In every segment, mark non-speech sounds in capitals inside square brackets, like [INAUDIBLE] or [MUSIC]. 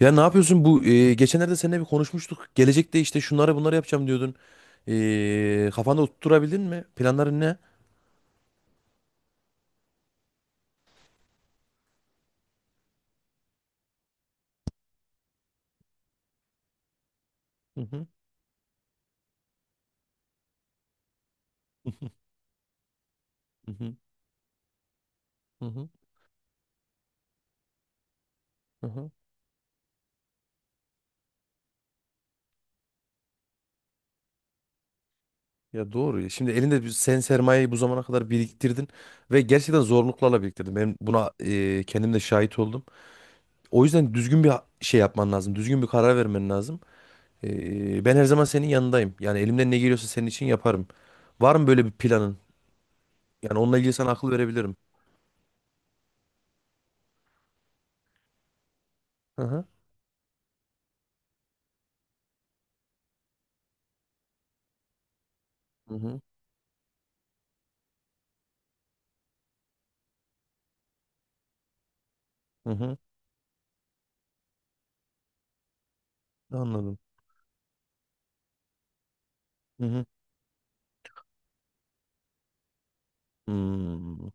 Ya ne yapıyorsun bu geçenlerde seninle bir konuşmuştuk. Gelecekte işte şunları bunları yapacağım diyordun. Kafanda oturtturabildin mi? Planların ne? Hı hı. Hı hı. Hı hı. Hı hı. Ya doğru. Ya. Şimdi elinde sen sermayeyi bu zamana kadar biriktirdin ve gerçekten zorluklarla biriktirdin. Ben buna kendim de şahit oldum. O yüzden düzgün bir şey yapman lazım. Düzgün bir karar vermen lazım. Ben her zaman senin yanındayım. Yani elimden ne geliyorsa senin için yaparım. Var mı böyle bir planın? Yani onunla ilgili sana akıl verebilirim. Hı hı. Hı hı. Hı hı. Anladım. Hı hı. Hmm.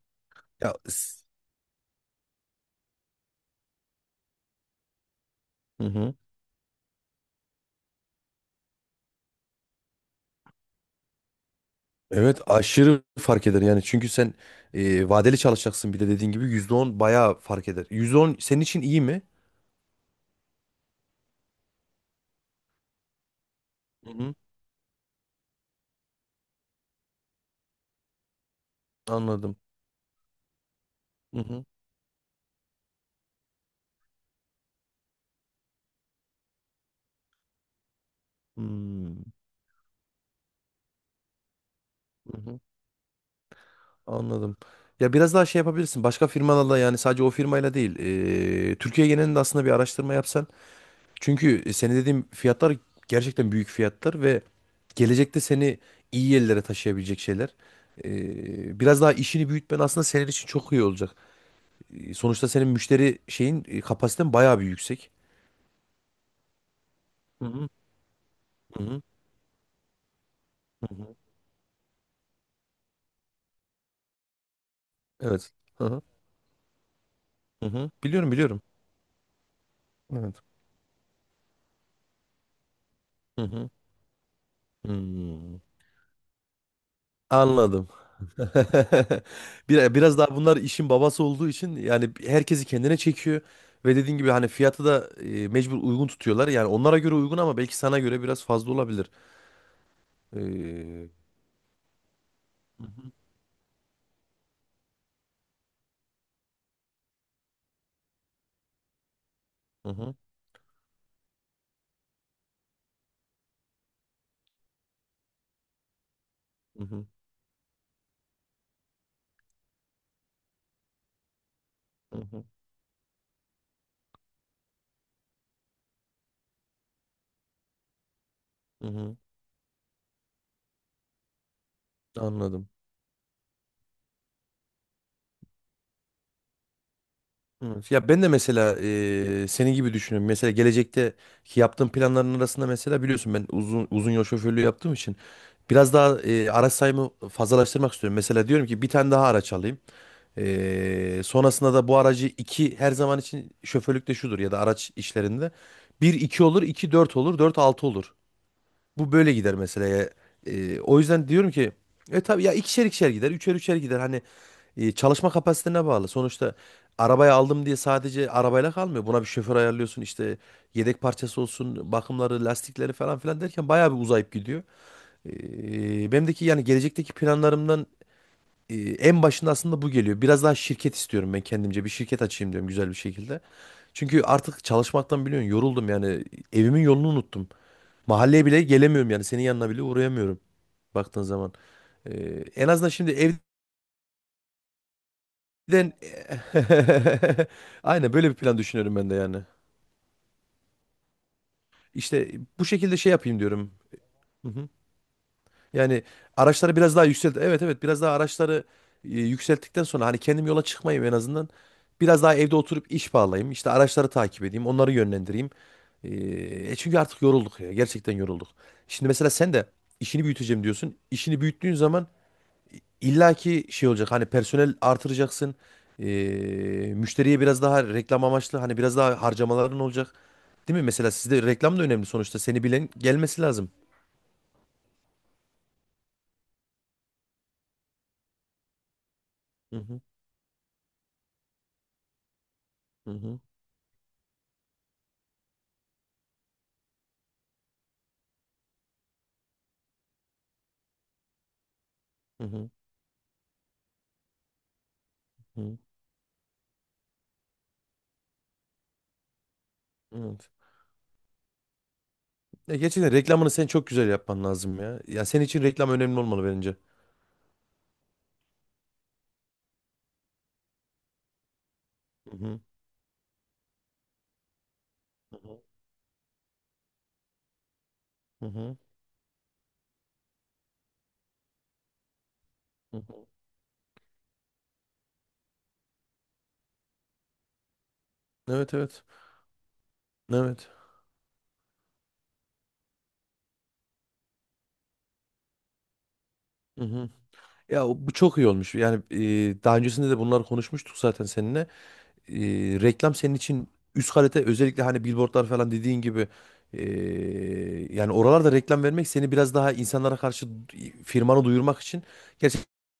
Ya, hı hı. Evet, aşırı fark eder yani çünkü sen vadeli çalışacaksın, bir de dediğin gibi %10 bayağı fark eder. %10 senin için iyi mi? Hı hı. Anladım. Hı hı. Hmm. Hı hı. Anladım. Ya biraz daha şey yapabilirsin. Başka firmalarla, yani sadece o firmayla değil. Türkiye genelinde aslında bir araştırma yapsan. Çünkü senin dediğim fiyatlar gerçekten büyük fiyatlar ve gelecekte seni iyi yerlere taşıyabilecek şeyler. Biraz daha işini büyütmen aslında senin için çok iyi olacak. Sonuçta senin müşteri şeyin kapasiten bayağı bir yüksek. Hı hı. Hı hı. Evet. Hı hı. Hı hı. Biliyorum, biliyorum. Evet. Hı hı. Hmm. Anladım. [LAUGHS] Biraz daha bunlar işin babası olduğu için yani herkesi kendine çekiyor ve dediğin gibi hani fiyatı da mecbur uygun tutuyorlar. Yani onlara göre uygun ama belki sana göre biraz fazla olabilir. Ee, hı hı, hı hı, hı hı, hı hı. Anladım. Evet. Ya ben de mesela senin gibi düşünüyorum. Mesela gelecekte yaptığım planların arasında, mesela biliyorsun, ben uzun uzun yol şoförlüğü yaptığım için biraz daha araç sayımı fazlalaştırmak istiyorum. Mesela diyorum ki bir tane daha araç alayım. Sonrasında da bu aracı iki, her zaman için şoförlükte şudur ya da araç işlerinde. Bir iki olur, iki dört olur, dört altı olur. Bu böyle gider mesela. Ya. O yüzden diyorum ki tabii ya, ikişer ikişer gider, üçer üçer gider. Hani çalışma kapasitene bağlı. Sonuçta arabayı aldım diye sadece arabayla kalmıyor. Buna bir şoför ayarlıyorsun, işte yedek parçası olsun, bakımları, lastikleri falan filan derken bayağı bir uzayıp gidiyor. Benimdeki yani gelecekteki planlarımdan en başında aslında bu geliyor. Biraz daha şirket istiyorum ben kendimce. Bir şirket açayım diyorum güzel bir şekilde. Çünkü artık çalışmaktan biliyorsun yoruldum yani, evimin yolunu unuttum. Mahalleye bile gelemiyorum yani. Senin yanına bile uğrayamıyorum baktığın zaman. Ee, En azından şimdi evden... [LAUGHS] Aynen böyle bir plan düşünüyorum ben de yani. İşte bu şekilde şey yapayım diyorum. Hı hı. Yani araçları biraz daha yükselt. Evet, evet, biraz daha araçları yükselttikten sonra hani kendim yola çıkmayayım en azından. Biraz daha evde oturup iş bağlayayım. İşte araçları takip edeyim. Onları yönlendireyim. Ee, Çünkü artık yorulduk ya. Gerçekten yorulduk. Şimdi mesela sen de işini büyüteceğim diyorsun. İşini büyüttüğün zaman İlla ki şey olacak, hani personel artıracaksın. Müşteriye biraz daha reklam amaçlı hani biraz daha harcamaların olacak. Değil mi? Mesela sizde reklam da önemli sonuçta. Seni bilen gelmesi lazım. Hı hı hı hı hı hı. Hı. Evet. Ya gerçekten reklamını sen çok güzel yapman lazım ya. Ya senin için reklam önemli olmalı bence. Hı hı hı hı hı. Hı hı. Evet, evet. Evet. Hı hı. Ya bu çok iyi olmuş. Yani daha öncesinde de bunlar konuşmuştuk zaten seninle. e, Reklam senin için üst kalite, özellikle hani billboardlar falan dediğin gibi, e, yani oralarda reklam vermek seni biraz daha insanlara karşı firmanı duyurmak için gerçekten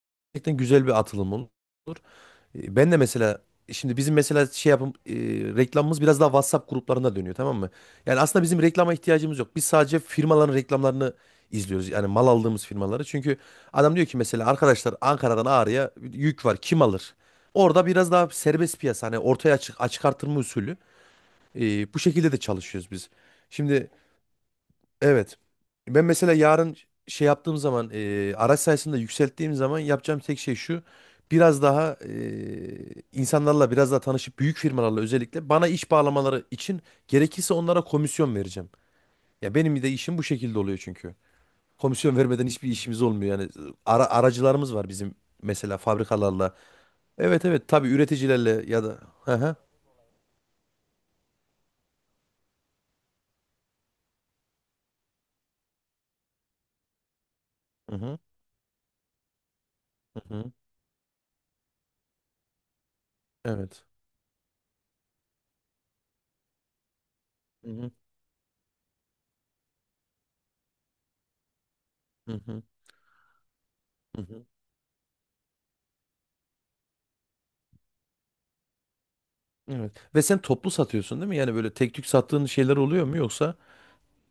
güzel bir atılım olur. Ben de mesela şimdi bizim mesela şey yapım, reklamımız biraz daha WhatsApp gruplarına dönüyor, tamam mı? Yani aslında bizim reklama ihtiyacımız yok. Biz sadece firmaların reklamlarını izliyoruz. Yani mal aldığımız firmaları. Çünkü adam diyor ki mesela, arkadaşlar Ankara'dan Ağrı'ya yük var, kim alır? Orada biraz daha serbest piyasa, hani ortaya açık, açık artırma usulü. Bu şekilde de çalışıyoruz biz. Şimdi. Evet. Ben mesela yarın şey yaptığım zaman, araç sayısını da yükselttiğim zaman yapacağım tek şey şu. Biraz daha insanlarla biraz daha tanışıp büyük firmalarla özellikle, bana iş bağlamaları için gerekirse onlara komisyon vereceğim. Ya benim de işim bu şekilde oluyor çünkü. Komisyon vermeden hiçbir işimiz olmuyor yani. Aracılarımız var bizim mesela, fabrikalarla. Evet, evet, tabii, üreticilerle ya da. Hı hı. Hı hı. Hı hı. Evet. Hı hı. Hı hı. Hı hı. Evet. Ve sen toplu satıyorsun, değil mi? Yani böyle tek tük sattığın şeyler oluyor mu, yoksa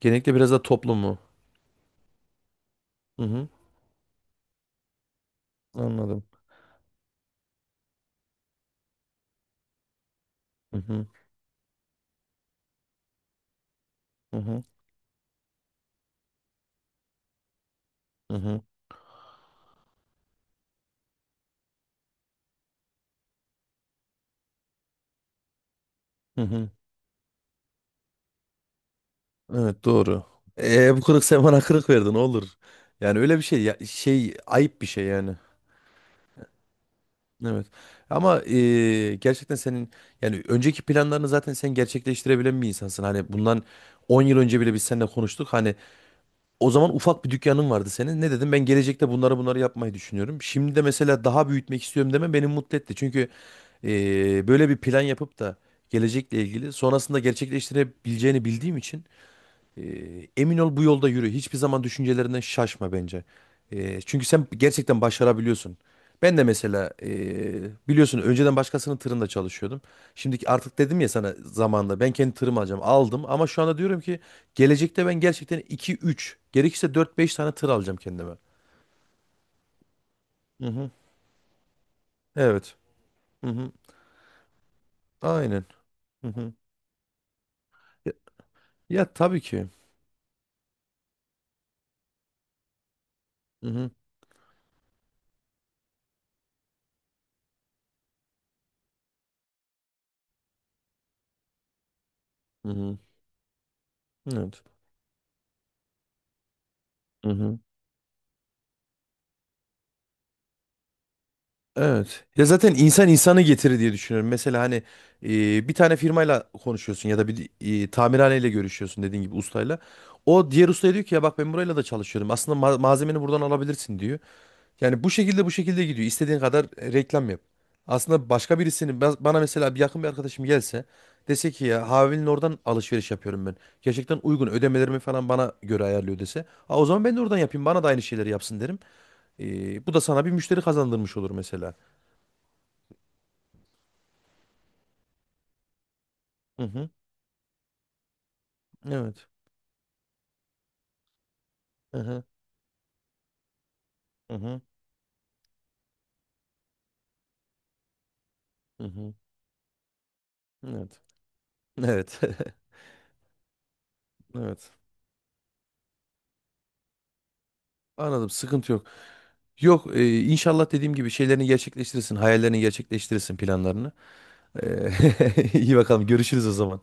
genellikle biraz da toplu mu? Hı hı. Anladım. Hı hı. Hı hı. Hı hı. Hı hı. Evet, doğru. Bu kırık sen bana kırık verdin olur. Yani öyle bir şey ya, şey, ayıp bir şey yani. Evet. Ama gerçekten senin, yani önceki planlarını zaten sen gerçekleştirebilen bir insansın. Hani bundan 10 yıl önce bile biz seninle konuştuk. Hani, o zaman ufak bir dükkanın vardı senin. Ne dedim? Ben gelecekte bunları bunları yapmayı düşünüyorum. Şimdi de mesela daha büyütmek istiyorum deme beni mutlu etti. Çünkü böyle bir plan yapıp da gelecekle ilgili sonrasında gerçekleştirebileceğini bildiğim için, emin ol bu yolda yürü. Hiçbir zaman düşüncelerinden şaşma bence. Çünkü sen gerçekten başarabiliyorsun. Ben de mesela biliyorsun önceden başkasının tırında çalışıyordum. Şimdiki artık dedim ya sana zamanında, ben kendi tırımı alacağım. Aldım ama şu anda diyorum ki gelecekte ben gerçekten iki üç, gerekirse dört beş tane tır alacağım kendime. Hı hı. Evet. Hı hı. Aynen. Hı hı. Ya, ya tabii ki. Hı hı. Hı hı. Evet. Hı hı. Evet. Ya zaten insan insanı getirir diye düşünüyorum. Mesela hani bir tane firmayla konuşuyorsun ya da bir tamirhaneyle görüşüyorsun, dediğin gibi ustayla. O diğer ustaya diyor ki, ya bak ben burayla da çalışıyorum. Aslında malzemeni buradan alabilirsin diyor. Yani bu şekilde, bu şekilde gidiyor. İstediğin kadar reklam yap. Aslında başka birisinin, bana mesela bir yakın bir arkadaşım gelse, dese ki ya Havil'in oradan alışveriş yapıyorum ben. Gerçekten uygun, ödemelerimi falan bana göre ayarlıyor dese. Ha, o zaman ben de oradan yapayım, bana da aynı şeyleri yapsın derim. Bu da sana bir müşteri kazandırmış olur mesela. Hı hı. Evet. Hı hı. Hı hı. Hı hı. Evet. Evet. [LAUGHS] Evet. Anladım. Sıkıntı yok. Yok, inşallah dediğim gibi şeylerini gerçekleştirirsin, hayallerini gerçekleştirirsin, planlarını. E, [LAUGHS] iyi bakalım. Görüşürüz o zaman.